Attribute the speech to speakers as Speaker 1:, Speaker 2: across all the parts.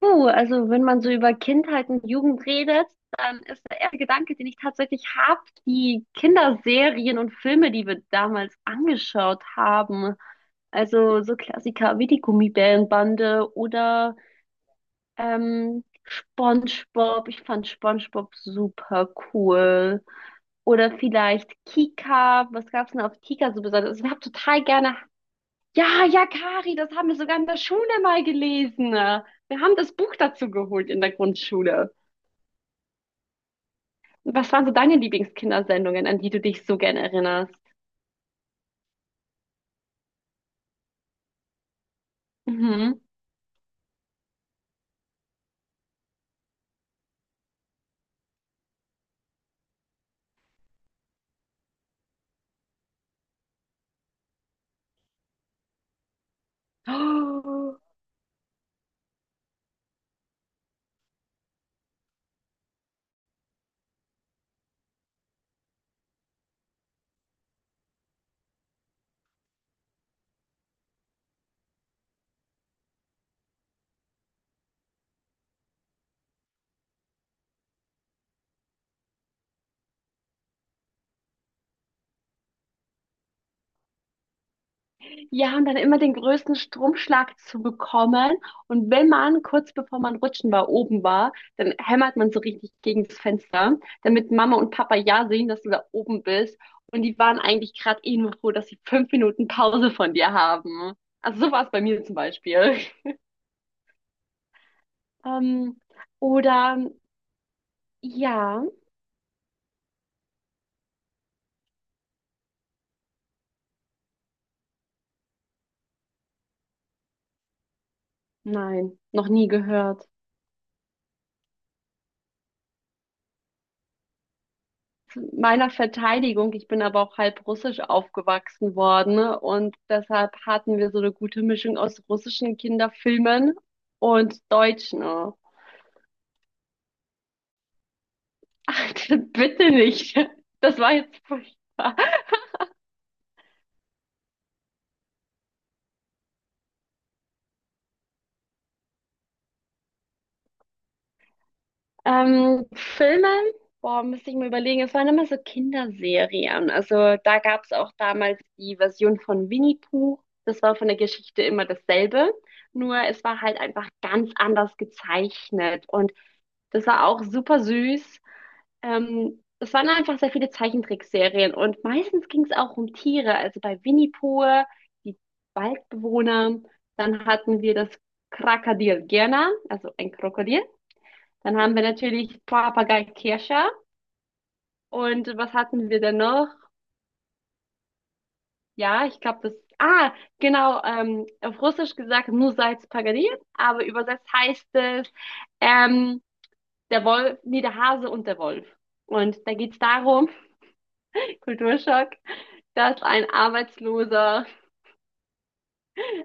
Speaker 1: Puh, also wenn man so über Kindheit und Jugend redet, dann ist der erste Gedanke, den ich tatsächlich habe, die Kinderserien und Filme, die wir damals angeschaut haben. Also so Klassiker wie die Gummibärenbande oder SpongeBob. Ich fand SpongeBob super cool. Oder vielleicht Kika. Was gab's denn auf Kika so besonders? Also ich habe total gerne ja, ja, Kari, das haben wir sogar in der Schule mal gelesen. Wir haben das Buch dazu geholt in der Grundschule. Was waren so deine Lieblingskindersendungen, an die du dich so gern erinnerst? Mhm. Oh. Ja, und dann immer den größten Stromschlag zu bekommen. Und wenn man kurz bevor man rutschen war, oben war, dann hämmert man so richtig gegen das Fenster, damit Mama und Papa ja sehen, dass du da oben bist. Und die waren eigentlich gerade eh nur froh, dass sie fünf Minuten Pause von dir haben. Also so war es bei mir zum Beispiel. Ähm, oder ja, nein, noch nie gehört. Zu meiner Verteidigung, ich bin aber auch halb russisch aufgewachsen worden, ne, und deshalb hatten wir so eine gute Mischung aus russischen Kinderfilmen und deutschen. Ach, bitte nicht. Das war jetzt furchtbar. Filme, boah, müsste ich mir überlegen, es waren immer so Kinderserien. Also da gab es auch damals die Version von Winnie Pooh. Das war von der Geschichte immer dasselbe. Nur es war halt einfach ganz anders gezeichnet. Und das war auch super süß. Es waren einfach sehr viele Zeichentrickserien. Und meistens ging es auch um Tiere. Also bei Winnie Pooh, die Waldbewohner. Dann hatten wir das Krokodil Gerner, also ein Krokodil. Dann haben wir natürlich Papagei Kirscher. Und was hatten wir denn noch? Ja, ich glaube, das. Ah, genau. Auf Russisch gesagt, Nusaits Pagadir. Aber übersetzt heißt es ähm, der Wolf, nee, der Hase und der Wolf. Und da geht's darum, Kulturschock, dass ein Arbeitsloser,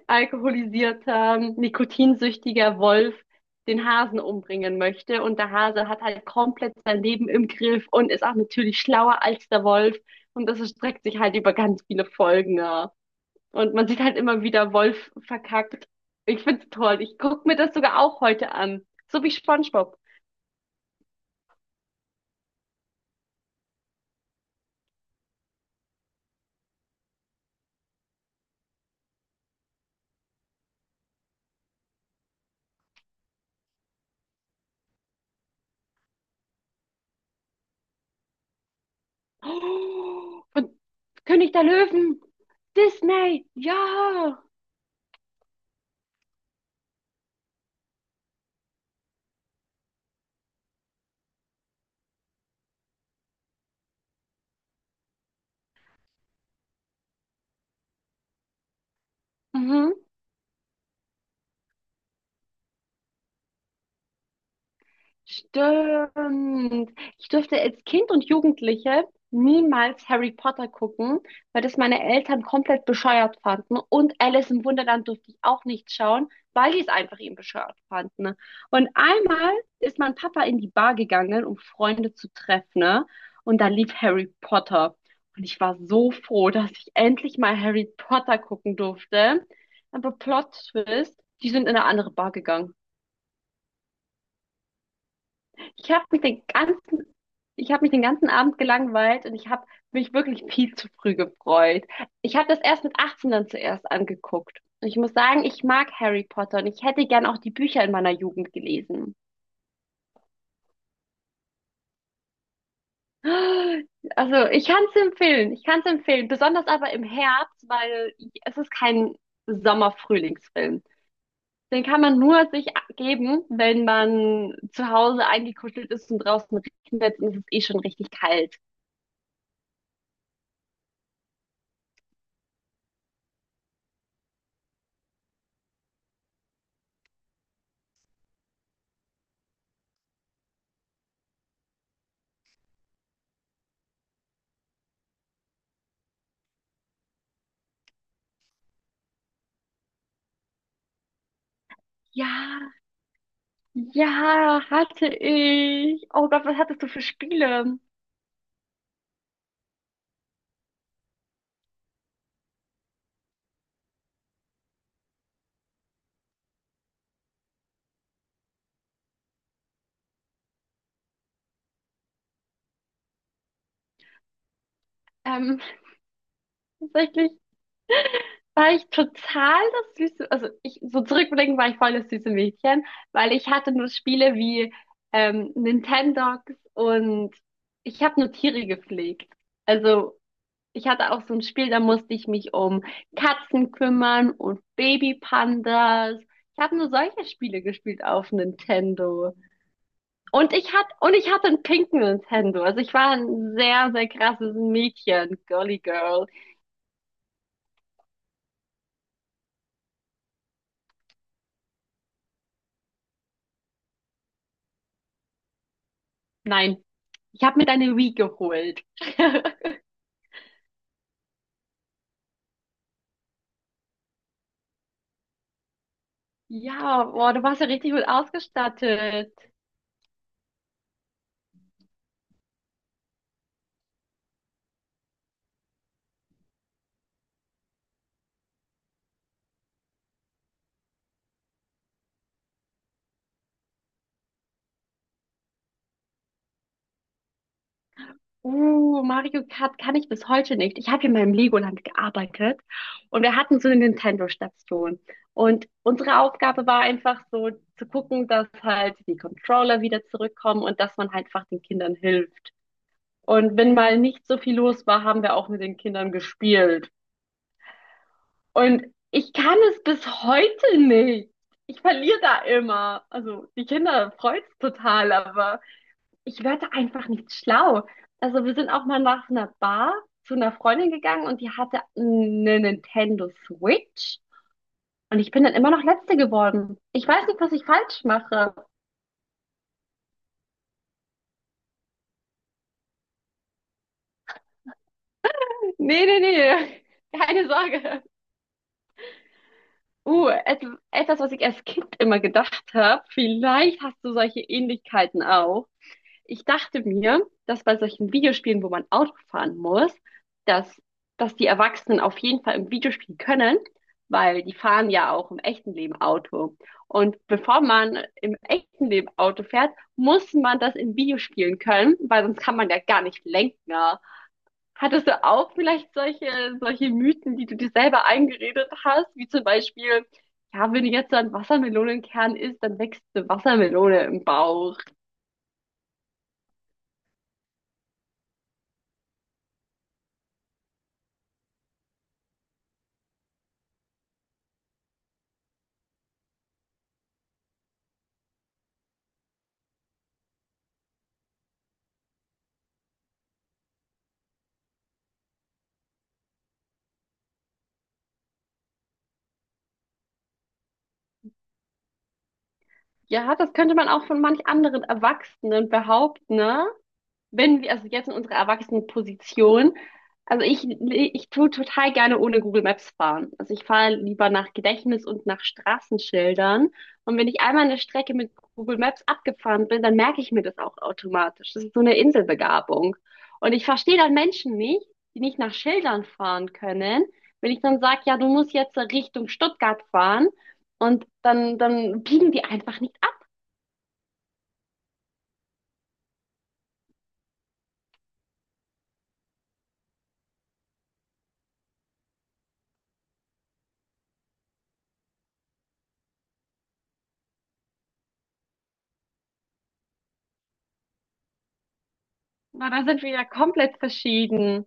Speaker 1: alkoholisierter, nikotinsüchtiger Wolf den Hasen umbringen möchte. Und der Hase hat halt komplett sein Leben im Griff und ist auch natürlich schlauer als der Wolf. Und das erstreckt sich halt über ganz viele Folgen. Ja. Und man sieht halt immer wieder Wolf verkackt. Ich find's toll. Ich guck mir das sogar auch heute an. So wie SpongeBob. Oh, von König der Löwen. Disney. Ja. Mhm. Stimmt. Ich durfte als Kind und Jugendliche niemals Harry Potter gucken, weil das meine Eltern komplett bescheuert fanden. Und Alice im Wunderland durfte ich auch nicht schauen, weil die es einfach eben bescheuert fanden. Und einmal ist mein Papa in die Bar gegangen, um Freunde zu treffen, ne? Und da lief Harry Potter. Und ich war so froh, dass ich endlich mal Harry Potter gucken durfte. Aber Plot Twist, die sind in eine andere Bar gegangen. Ich habe mich den ganzen, ich habe mich den ganzen Abend gelangweilt und ich habe mich wirklich viel zu früh gefreut. Ich habe das erst mit 18 dann zuerst angeguckt. Und ich muss sagen, ich mag Harry Potter und ich hätte gern auch die Bücher in meiner Jugend gelesen. Also, ich kann es empfehlen, besonders aber im Herbst, weil es ist kein Sommer-Frühlingsfilm. Den kann man nur sich geben, wenn man zu Hause eingekuschelt ist und draußen regnet und es ist eh schon richtig kalt. Ja, ja, hatte ich. Oh Gott, was hattest du für Spiele? Ähm, tatsächlich war ich total das süße, so zurückblickend war ich voll das süße Mädchen, weil ich hatte nur Spiele wie Nintendogs und ich habe nur Tiere gepflegt. Also ich hatte auch so ein Spiel, da musste ich mich um Katzen kümmern und Babypandas. Ich habe nur solche Spiele gespielt auf Nintendo. Und ich hatte einen pinken Nintendo. Also ich war ein sehr, sehr krasses Mädchen, Girly Girl. Nein, ich habe mir deine Wii geholt. Ja, boah, du warst ja richtig gut ausgestattet. Mario Kart kann ich bis heute nicht. Ich habe in meinem Legoland gearbeitet und wir hatten so eine Nintendo-Station. Und unsere Aufgabe war einfach so zu gucken, dass halt die Controller wieder zurückkommen und dass man halt einfach den Kindern hilft. Und wenn mal nicht so viel los war, haben wir auch mit den Kindern gespielt. Und ich kann es bis heute nicht. Ich verliere da immer. Also die Kinder freut's total, aber ich werde einfach nicht schlau. Also wir sind auch mal nach einer Bar zu einer Freundin gegangen und die hatte eine Nintendo Switch. Und ich bin dann immer noch Letzte geworden. Ich weiß nicht, was ich falsch mache. Nee, nee, nee. Keine Sorge. Et etwas, was ich als Kind immer gedacht habe, vielleicht hast du solche Ähnlichkeiten auch. Ich dachte mir, dass bei solchen Videospielen, wo man Auto fahren muss, dass, dass die Erwachsenen auf jeden Fall im Videospiel können, weil die fahren ja auch im echten Leben Auto. Und bevor man im echten Leben Auto fährt, muss man das in Videospielen können, weil sonst kann man ja gar nicht lenken, ja. Hattest du auch vielleicht solche, solche Mythen, die du dir selber eingeredet hast, wie zum Beispiel, ja, wenn du jetzt so einen Wassermelonenkern isst, dann wächst eine Wassermelone im Bauch. Ja, das könnte man auch von manch anderen Erwachsenen behaupten, ne? Wenn wir, also jetzt in unserer Erwachsenenposition, ich tue total gerne ohne Google Maps fahren. Also ich fahre lieber nach Gedächtnis und nach Straßenschildern. Und wenn ich einmal eine Strecke mit Google Maps abgefahren bin, dann merke ich mir das auch automatisch. Das ist so eine Inselbegabung. Und ich verstehe dann Menschen nicht, die nicht nach Schildern fahren können. Wenn ich dann sage, ja, du musst jetzt Richtung Stuttgart fahren und dann biegen die einfach nicht ab. Na, da sind wir ja komplett verschieden.